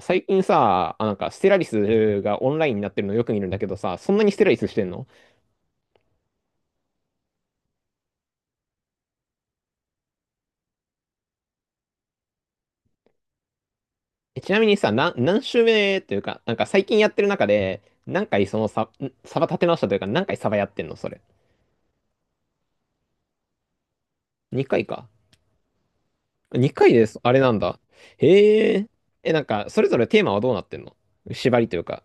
最近さ、なんか、ステラリスがオンラインになってるのよく見るんだけどさ、そんなにステラリスしてんの？ちなみにさ、何週目というか、なんか最近やってる中で、何回そのサバ立て直したというか、何回サバやってんのそれ？2回か。2回です。あれなんだ。へえ。なんか、それぞれテーマはどうなってんの？縛りというか。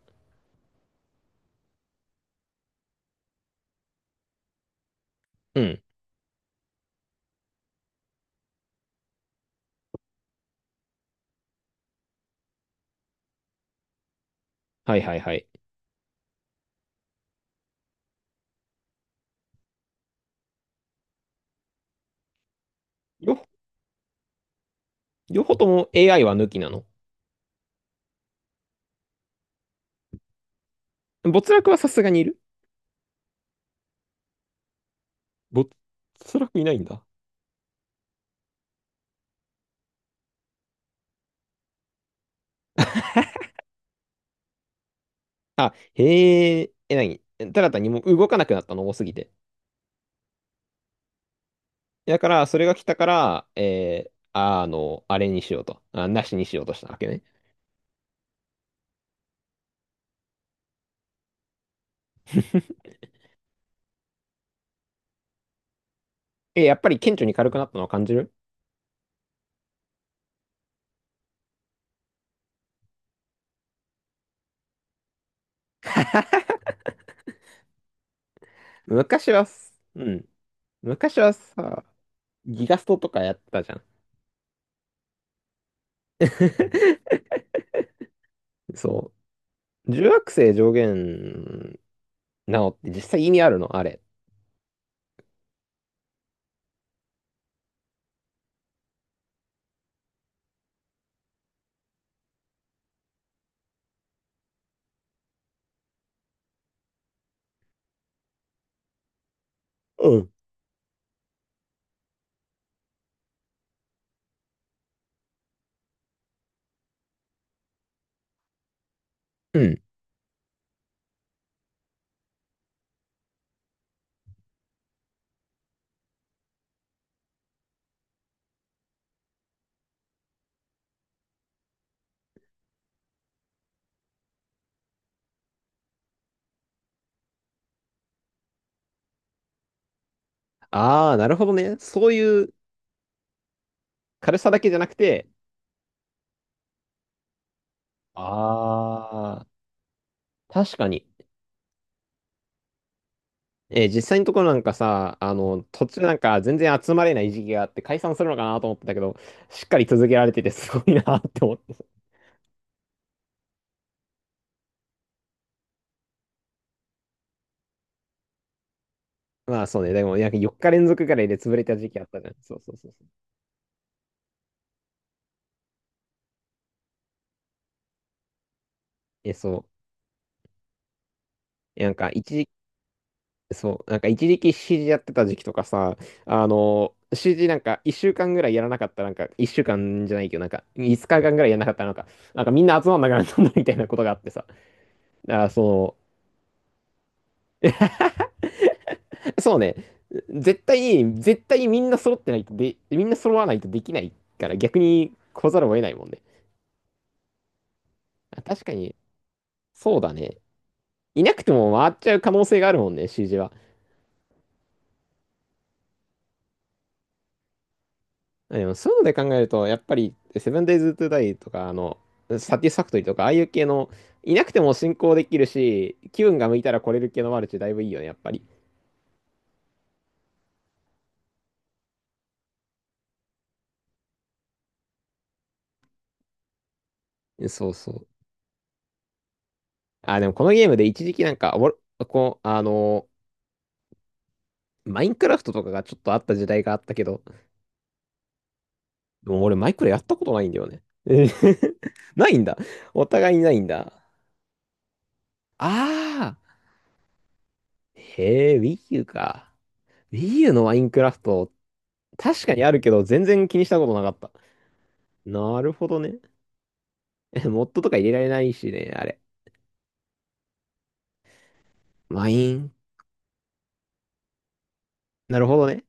うん。はいはいはい。よ、両方とも AI は抜きなの？没落はさすがにいる？没落いないんだ。あ、へえ。なに、ただ単にもう動かなくなったの多すぎて。だから、それが来たから、あれにしようと。あ、なしにしようとしたわけね。やっぱり顕著に軽くなったのを感じる？昔はうん。昔はさ、ギガストとかやったじゃん。そう。重惑星上限なのって実際意味あるのあれ？うん。うん。ああ、なるほどね。そういう軽さだけじゃなくて、ああ、確かに。実際のところなんかさ、途中なんか全然集まれない時期があって解散するのかなと思ってたけど、しっかり続けられててすごいなって思って。まあそうね、でもなんか4日連続ぐらいで潰れた時期あったじゃん。そうそうそうそう。そう。なんかそう、なんか一時期 CG やってた時期とかさ、CG なんか1週間ぐらいやらなかったらなんか1週間じゃないけど、なんか5日間ぐらいやらなかったらなんか、なんかみんな集まんなくなったんだみたいなことがあってさ。あ、そう。そうね。絶対に、絶対にみんな揃ってないとで、みんな揃わないとできないから逆に来ざるを得ないもんね。あ、確かに、そうだね。いなくても回っちゃう可能性があるもんね、CG は。あ、でもそういうので考えると、やっぱり、セブンデイズ・トゥ・ダイとか、サティスファクトリーとか、ああいう系の、いなくても進行できるし、気分が向いたら来れる系のマルチだいぶいいよね、やっぱり。そうそう。あ、でもこのゲームで一時期なんか、おもろこう、あの、マインクラフトとかがちょっとあった時代があったけど、でも俺マイクラやったことないんだよね。ないんだ。お互いにないんだ。ああ。へえ、Wii U か。Wii U のマインクラフト、確かにあるけど、全然気にしたことなかった。なるほどね。モッドとか入れられないしね、あれ。マイン。なるほどね。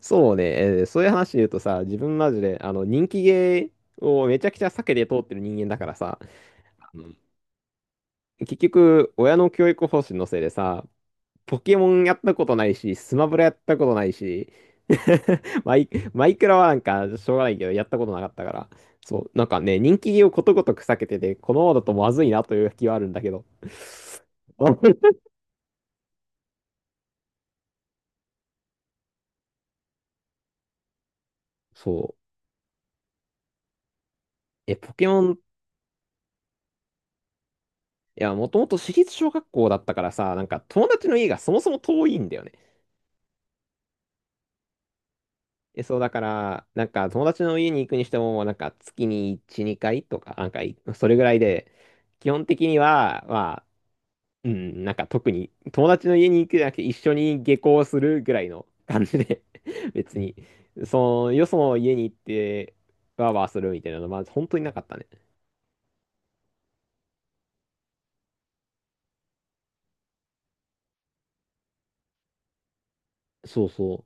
そうね、そういう話で言うとさ、自分マジで、人気ゲーをめちゃくちゃ避けて通ってる人間だからさ、あの結局、親の教育方針のせいでさ、ポケモンやったことないし、スマブラやったことないし、マイ、マイクラはなんかしょうがないけど、やったことなかったから、そう、なんかね、人気をことごとく避けてて、このままだとまずいなという気はあるんだけど。そう。え、ポケモン、いや、もともと私立小学校だったからさ、なんか友達の家がそもそも遠いんだよね。そうだから、なんか友達の家に行くにしても、なんか月に1、2回とか、なんかいそれぐらいで、基本的には、まあうん、なんか特に友達の家に行くじゃなくて一緒に下校するぐらいの感じで 別に、よその家に行って、バーバーするみたいなのは、まず本当になかったね。そうそ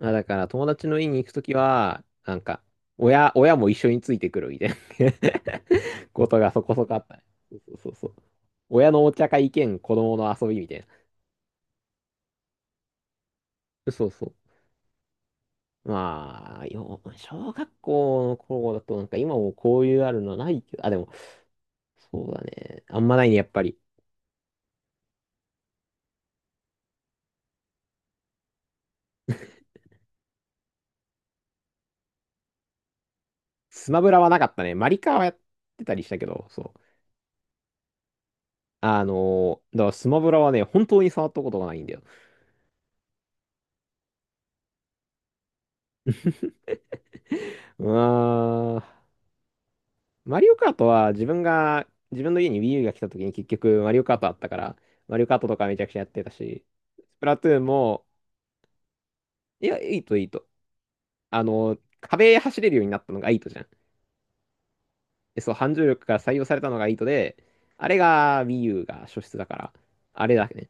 う。あ、だから友達の家に行くときは、なんか、親も一緒についてくるみたいな ことがそこそこあったね。そうそうそう。親のお茶会兼子供の遊びみたいな。そうそう。まあ、小学校の頃だとなんか今もこういうあるのないけど、あ、でも、そうだね。あんまないね、やっぱり。スマブラはなかったね。マリカはやってたりしたけど、そう。だからスマブラはね、本当に触ったことがないんだよ。うーん。マリオカートは自分の家に Wii U が来た時に結局マリオカートあったから、マリオカートとかめちゃくちゃやってたし、スプラトゥーンも、いや、いいと。あのー壁走れるようになったのがいいとじゃん。でそう、反重力が採用されたのがいいとで、あれが Wii U が初出だから、あれだね。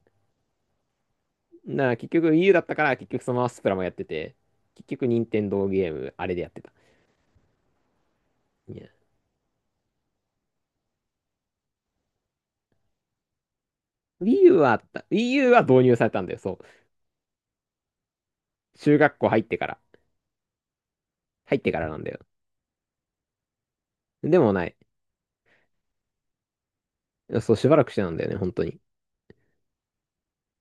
なあ、結局 Wii U だったから、結局そのままスプラもやってて、結局任天堂ゲーム、あれでやってた。いや、 Wii U はあった。Wii U は導入されたんだよ、そう。中学校入ってから。入ってからなんだよ。でもない。そう、しばらくしてなんだよね、本当に。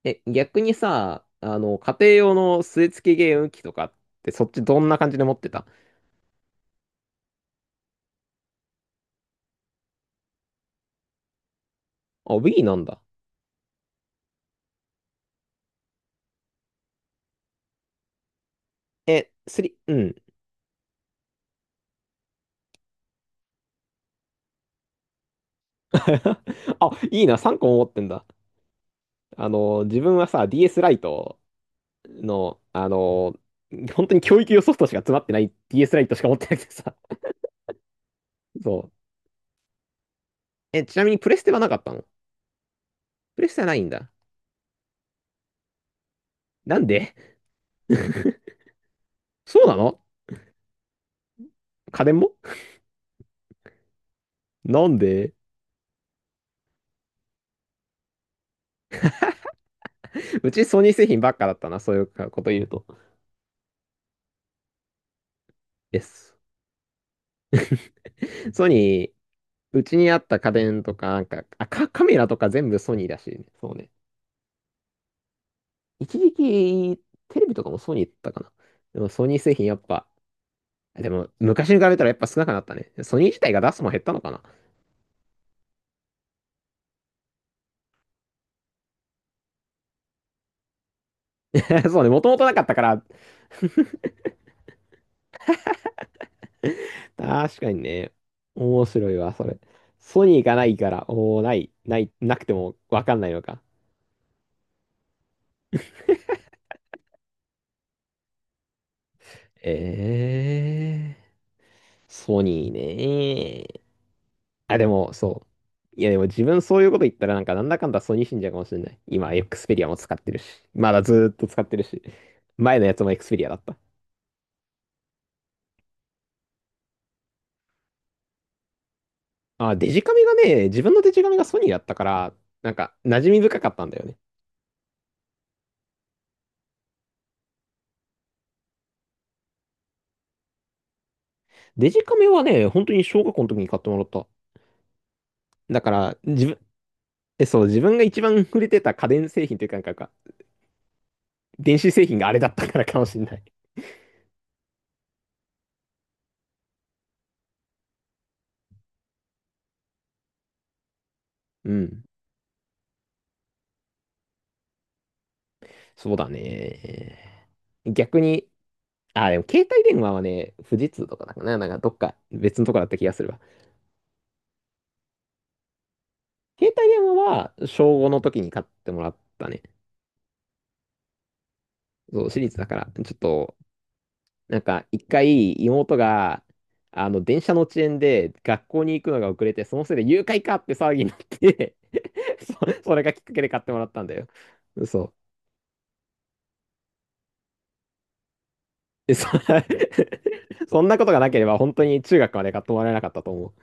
逆にさ、家庭用の据え付けゲーム機とかって、そっちどんな感じで持ってた？あ、Wii なんだ。3、うん。あ、いいな、3個も持ってんだ。自分はさ、DS ライトの、本当に教育用ソフトしか詰まってない DS ライトしか持ってなくてさ。そう。ちなみにプレステはなかったの？プレステはないんだ。なんで？ そうなの？家電も？なんで？うちソニー製品ばっかだったな、そういうこと言うと。です。ソニー、うちにあった家電とか、なんか、カカメラとか全部ソニーだし、ね、そうね。一時期、テレビとかもソニーだったかな。でもソニー製品やっぱ、でも昔に比べたらやっぱ少なくなったね。ソニー自体が出すもん減ったのかな？ そうね、もともとなかったから。確かにね。面白いわ、それ。ソニーがないから、おー、ない、ない、なくてもわかんないのか。えー、ソニーね。あ、でも、そう。いや、でも自分そういうこと言ったら、なんか、なんだかんだソニー信者かもしれない。今、エクスペリアも使ってるし。まだずーっと使ってるし。前のやつもエクスペリアだった。あ、デジカメがね、自分のデジカメがソニーだったから、なんか、馴染み深かったんだよね。デジカメはね、本当に小学校の時に買ってもらった。だから、自分、え、そう、自分が一番触れてた家電製品というか、なんか電子製品があれだったからかもしれない。うん。そうだね。逆に、あ、でも携帯電話はね、富士通とかだかな、なんかどっか別のとこだった気がするわ。携帯電話は小5の時に買ってもらったね。そう、私立だから、ちょっとなんか、一回、妹が、電車の遅延で学校に行くのが遅れて、そのせいで誘拐かって騒ぎになって それがきっかけで買ってもらったんだよ。そう。で、そんなことがなければ、本当に中学まで買ってもらえなかったと思う。